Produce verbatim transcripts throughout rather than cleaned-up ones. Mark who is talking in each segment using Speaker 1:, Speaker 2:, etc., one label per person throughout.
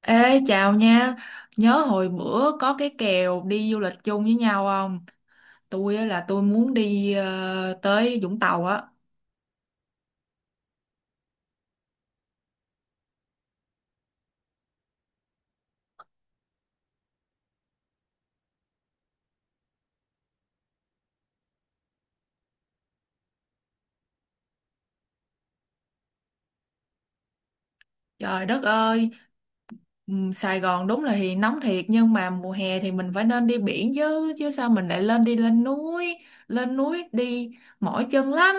Speaker 1: Ê chào nha. Nhớ hồi bữa có cái kèo đi du lịch chung với nhau không? Tôi á là tôi muốn đi ờ, tới Vũng Tàu á. Trời đất ơi. ừm, Sài Gòn đúng là thì nóng thiệt. Nhưng mà mùa hè thì mình phải nên đi biển chứ. Chứ sao mình lại lên đi lên núi? Lên núi đi mỏi chân lắm.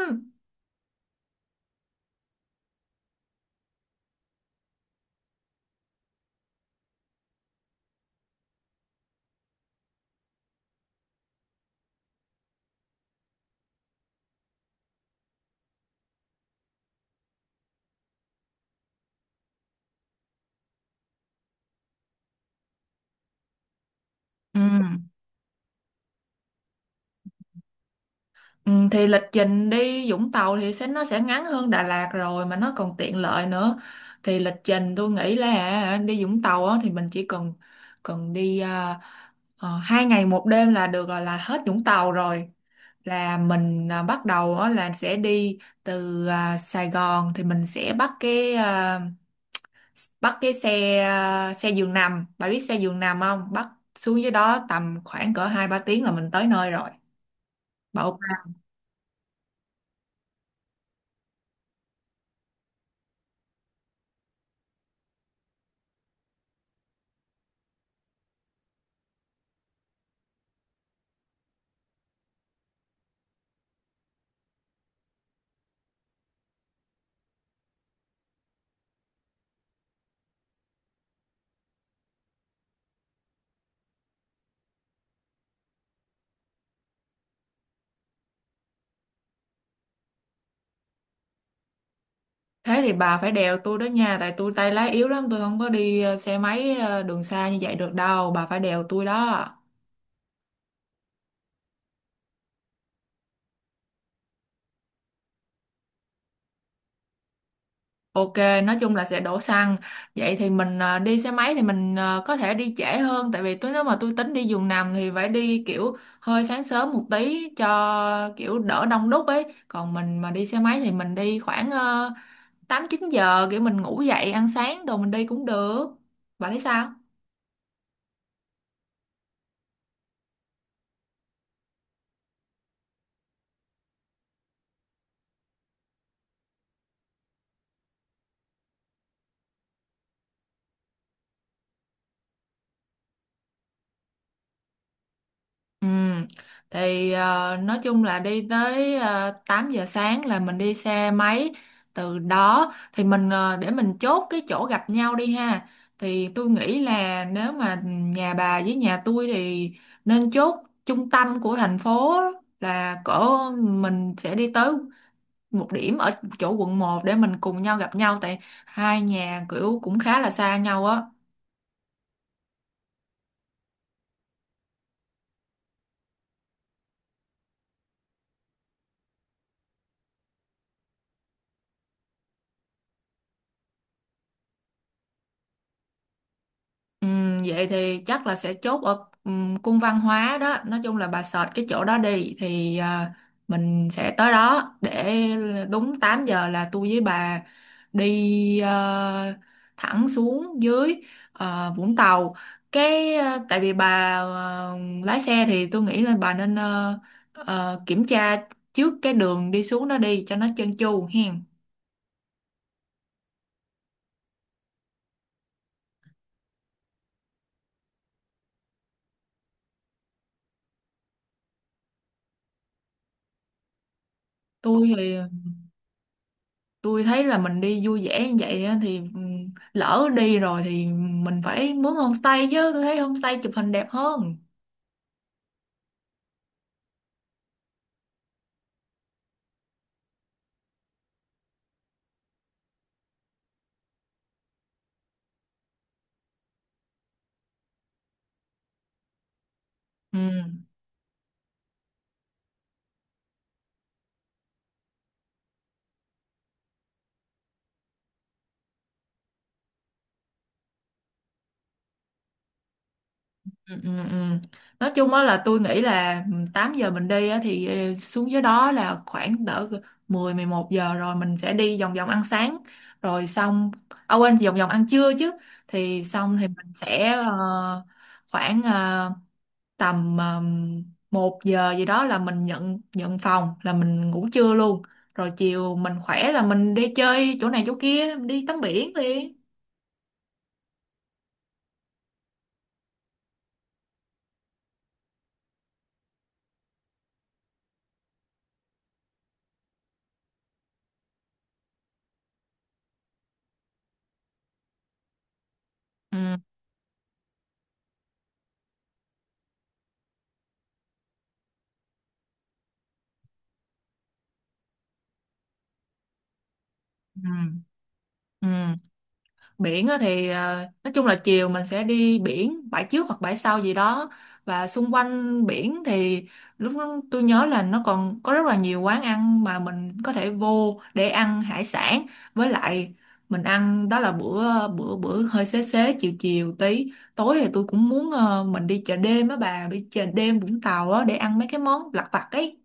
Speaker 1: Ừ. Ừ, thì lịch trình đi Vũng Tàu thì sẽ nó sẽ ngắn hơn Đà Lạt rồi. Mà nó còn tiện lợi nữa. Thì lịch trình tôi nghĩ là hả, đi Vũng Tàu á, thì mình chỉ cần cần đi ờ, Ờ, hai ngày một đêm là được rồi, là hết Vũng Tàu rồi. Là mình à, bắt đầu á là sẽ đi từ à, Sài Gòn, thì mình sẽ bắt cái à, bắt cái xe, à, xe giường nằm. Bà biết xe giường nằm không? Bắt xuống dưới đó tầm khoảng cỡ hai ba tiếng là mình tới nơi rồi. Bà ok? Thế thì bà phải đèo tôi đó nha, tại tôi tay lái yếu lắm, tôi không có đi à, xe máy, à, đường xa như vậy được đâu. Bà phải đèo tôi đó. Ok, nói chung là sẽ đổ xăng. Vậy thì mình ờ, đi xe máy thì mình ờ, có thể đi trễ hơn, tại vì tôi nếu mà tôi tính đi giường nằm thì phải đi kiểu hơi sáng sớm một tí cho kiểu đỡ đông đúc ấy. Còn mình mà đi xe máy thì mình đi khoảng ờ, tám chín giờ, kiểu mình ngủ dậy ăn sáng đồ mình đi cũng được. Bạn thấy sao? Ừ, thì ờ, nói chung là đi tới ờ, 8 giờ sáng là mình đi xe máy. Từ đó thì mình ờ, để mình chốt cái chỗ gặp nhau đi ha. Thì tôi nghĩ là nếu mà nhà bà với nhà tôi thì nên chốt trung tâm của thành phố, là cỡ mình sẽ đi tới một điểm ở chỗ quận một để mình cùng nhau gặp nhau, tại hai nhà kiểu cũng khá là xa nhau á. Ừm, vậy thì chắc là sẽ chốt ở ừm, cung văn hóa đó. Nói chung là bà search cái chỗ đó đi, thì à, mình sẽ tới đó để đúng tám giờ là tôi với bà đi ờ, thẳng xuống dưới ờ, Vũng Tàu. Cái ờ, tại vì bà ờ, lái xe thì tôi nghĩ là bà nên ờ, ờ, kiểm tra trước cái đường đi xuống đó đi cho nó trơn tru hen. Tôi thì tôi thấy là mình đi vui vẻ như vậy á, thì ừ, lỡ đi rồi thì mình phải mướn homestay chứ. Tôi thấy homestay chụp hình đẹp hơn. Ừ. Ừ. Ừ. Ừ. Nói chung á là tôi nghĩ là ừ, tám giờ mình đi á, thì ừ, xuống dưới đó là khoảng đỡ mười mười một giờ rồi mình sẽ đi vòng vòng ăn sáng. Rồi xong, à quên, vòng vòng ăn trưa chứ. Thì xong thì mình sẽ ờ, khoảng ờ, tầm um, 1 giờ gì đó là mình nhận nhận phòng, là mình ngủ trưa luôn. Rồi chiều mình khỏe là mình đi chơi chỗ này chỗ kia, đi tắm biển đi. Ừ. Ừ. Ừ. Biển á thì ờ, nói chung là chiều mình sẽ đi biển bãi trước hoặc bãi sau gì đó. Và xung quanh biển thì lúc đó tôi nhớ là nó còn có rất là nhiều quán ăn mà mình có thể vô để ăn hải sản. Với lại mình ăn đó là bữa bữa bữa hơi xế xế chiều chiều tí. Tối thì tôi cũng muốn ờ, mình đi chợ đêm á, bà đi chợ đêm Vũng Tàu á để ăn mấy cái món lặt vặt ấy.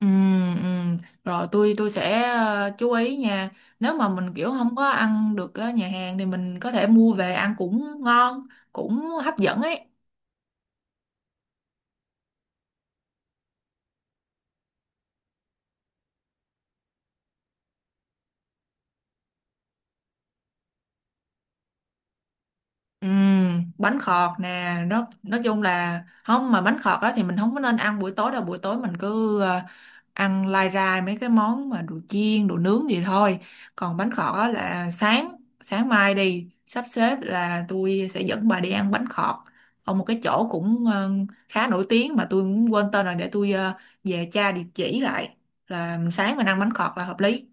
Speaker 1: Ừ, ừ. Rồi tôi tôi sẽ ờ, chú ý nha. Nếu mà mình kiểu không có ăn được ở nhà hàng thì mình có thể mua về ăn cũng ngon, cũng hấp dẫn ấy. Ừ, bánh khọt nè, nó nói chung là không, mà bánh khọt á thì mình không có nên ăn buổi tối đâu, buổi tối mình cứ ờ, ăn lai rai mấy cái món mà đồ chiên đồ nướng gì thôi. Còn bánh khọt á là sáng sáng mai đi sắp xếp là tôi sẽ dẫn bà đi ăn bánh khọt ở một cái chỗ cũng ờ, khá nổi tiếng, mà tôi cũng quên tên rồi, để tôi ờ, về tra địa chỉ lại. Là sáng mình ăn bánh khọt là hợp lý.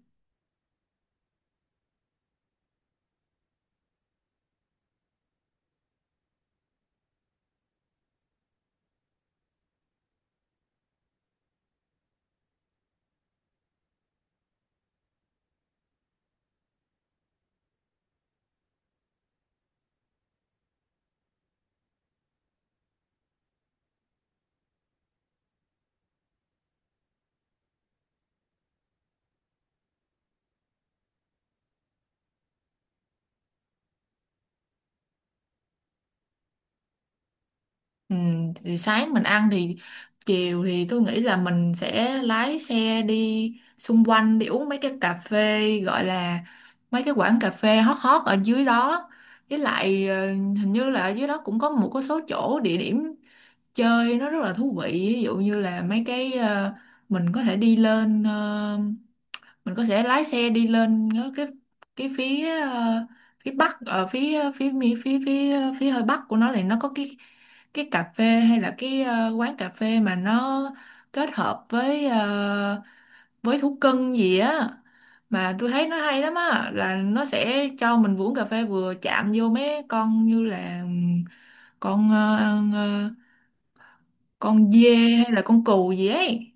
Speaker 1: Ừ, thì sáng mình ăn, thì chiều thì tôi nghĩ là mình sẽ lái xe đi xung quanh, đi uống mấy cái cà phê, gọi là mấy cái quán cà phê hot hot ở dưới đó. Với lại ờ, hình như là ở dưới đó cũng có một cái số chỗ địa điểm chơi nó rất là thú vị, ví dụ như là mấy cái ờ, mình có thể đi lên ờ, mình có thể lái xe đi lên ờ, cái cái phía ờ, phía bắc, ở phía ờ, phía mi- phía phía ờ, phía hơi bắc của nó, thì nó có cái cái cà phê, hay là cái ờ, quán cà phê mà nó kết hợp với ờ, với thú cưng gì á, mà tôi thấy nó hay lắm á, là nó sẽ cho mình uống cà phê vừa chạm vô mấy con, như là con ờ, ờ, con dê hay là con cừu gì ấy.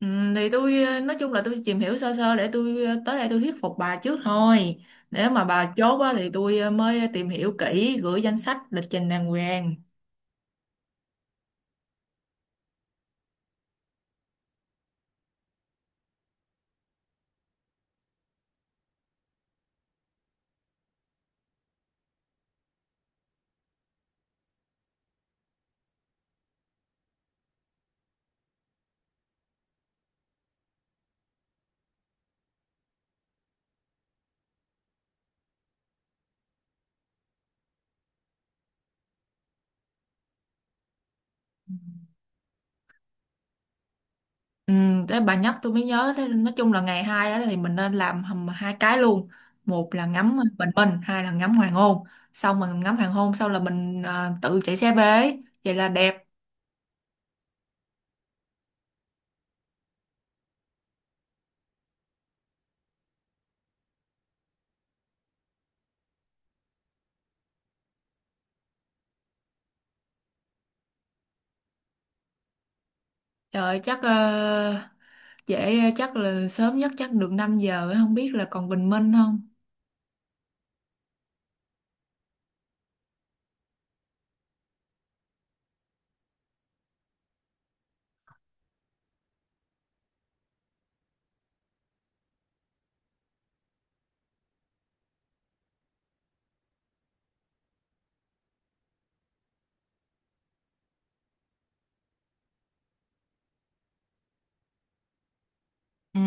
Speaker 1: Ừ, thì tôi ờ, nói chung là tôi tìm hiểu sơ sơ để tôi ờ, tới đây tôi thuyết phục bà trước thôi. Nếu mà bà chốt á, thì tôi ờ, mới tìm hiểu kỹ, gửi danh sách lịch trình đàng hoàng. Ừ, thế bà nhắc tôi mới nhớ. Thế nói chung là ngày hai á, thì mình nên làm hầm hai cái luôn: một là ngắm bình minh, hai là ngắm hoàng hôn. Xong mình ngắm hoàng hôn xong là mình ờ, tự chạy xe về ấy. Vậy là đẹp. Trời chắc ờ, dễ chắc là sớm nhất chắc được năm giờ, không biết là còn bình minh không. Ừ.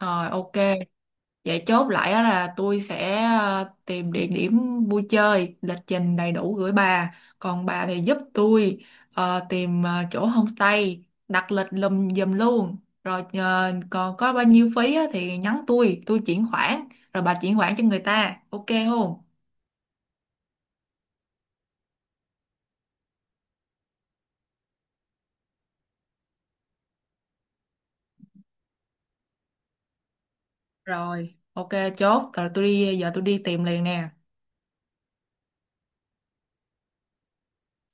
Speaker 1: Rồi, ok. Vậy chốt lại á là tôi sẽ ờ, tìm địa điểm vui chơi, lịch trình đầy đủ gửi bà. Còn bà thì giúp tôi ờ, tìm ờ, chỗ homestay, đặt lịch lùm giùm luôn. Rồi ờ, còn có bao nhiêu phí á, thì nhắn tôi, tôi chuyển khoản. Rồi bà chuyển khoản cho người ta. Ok không? Rồi, ok, chốt. Rồi tôi đi, giờ tôi đi tìm liền nè.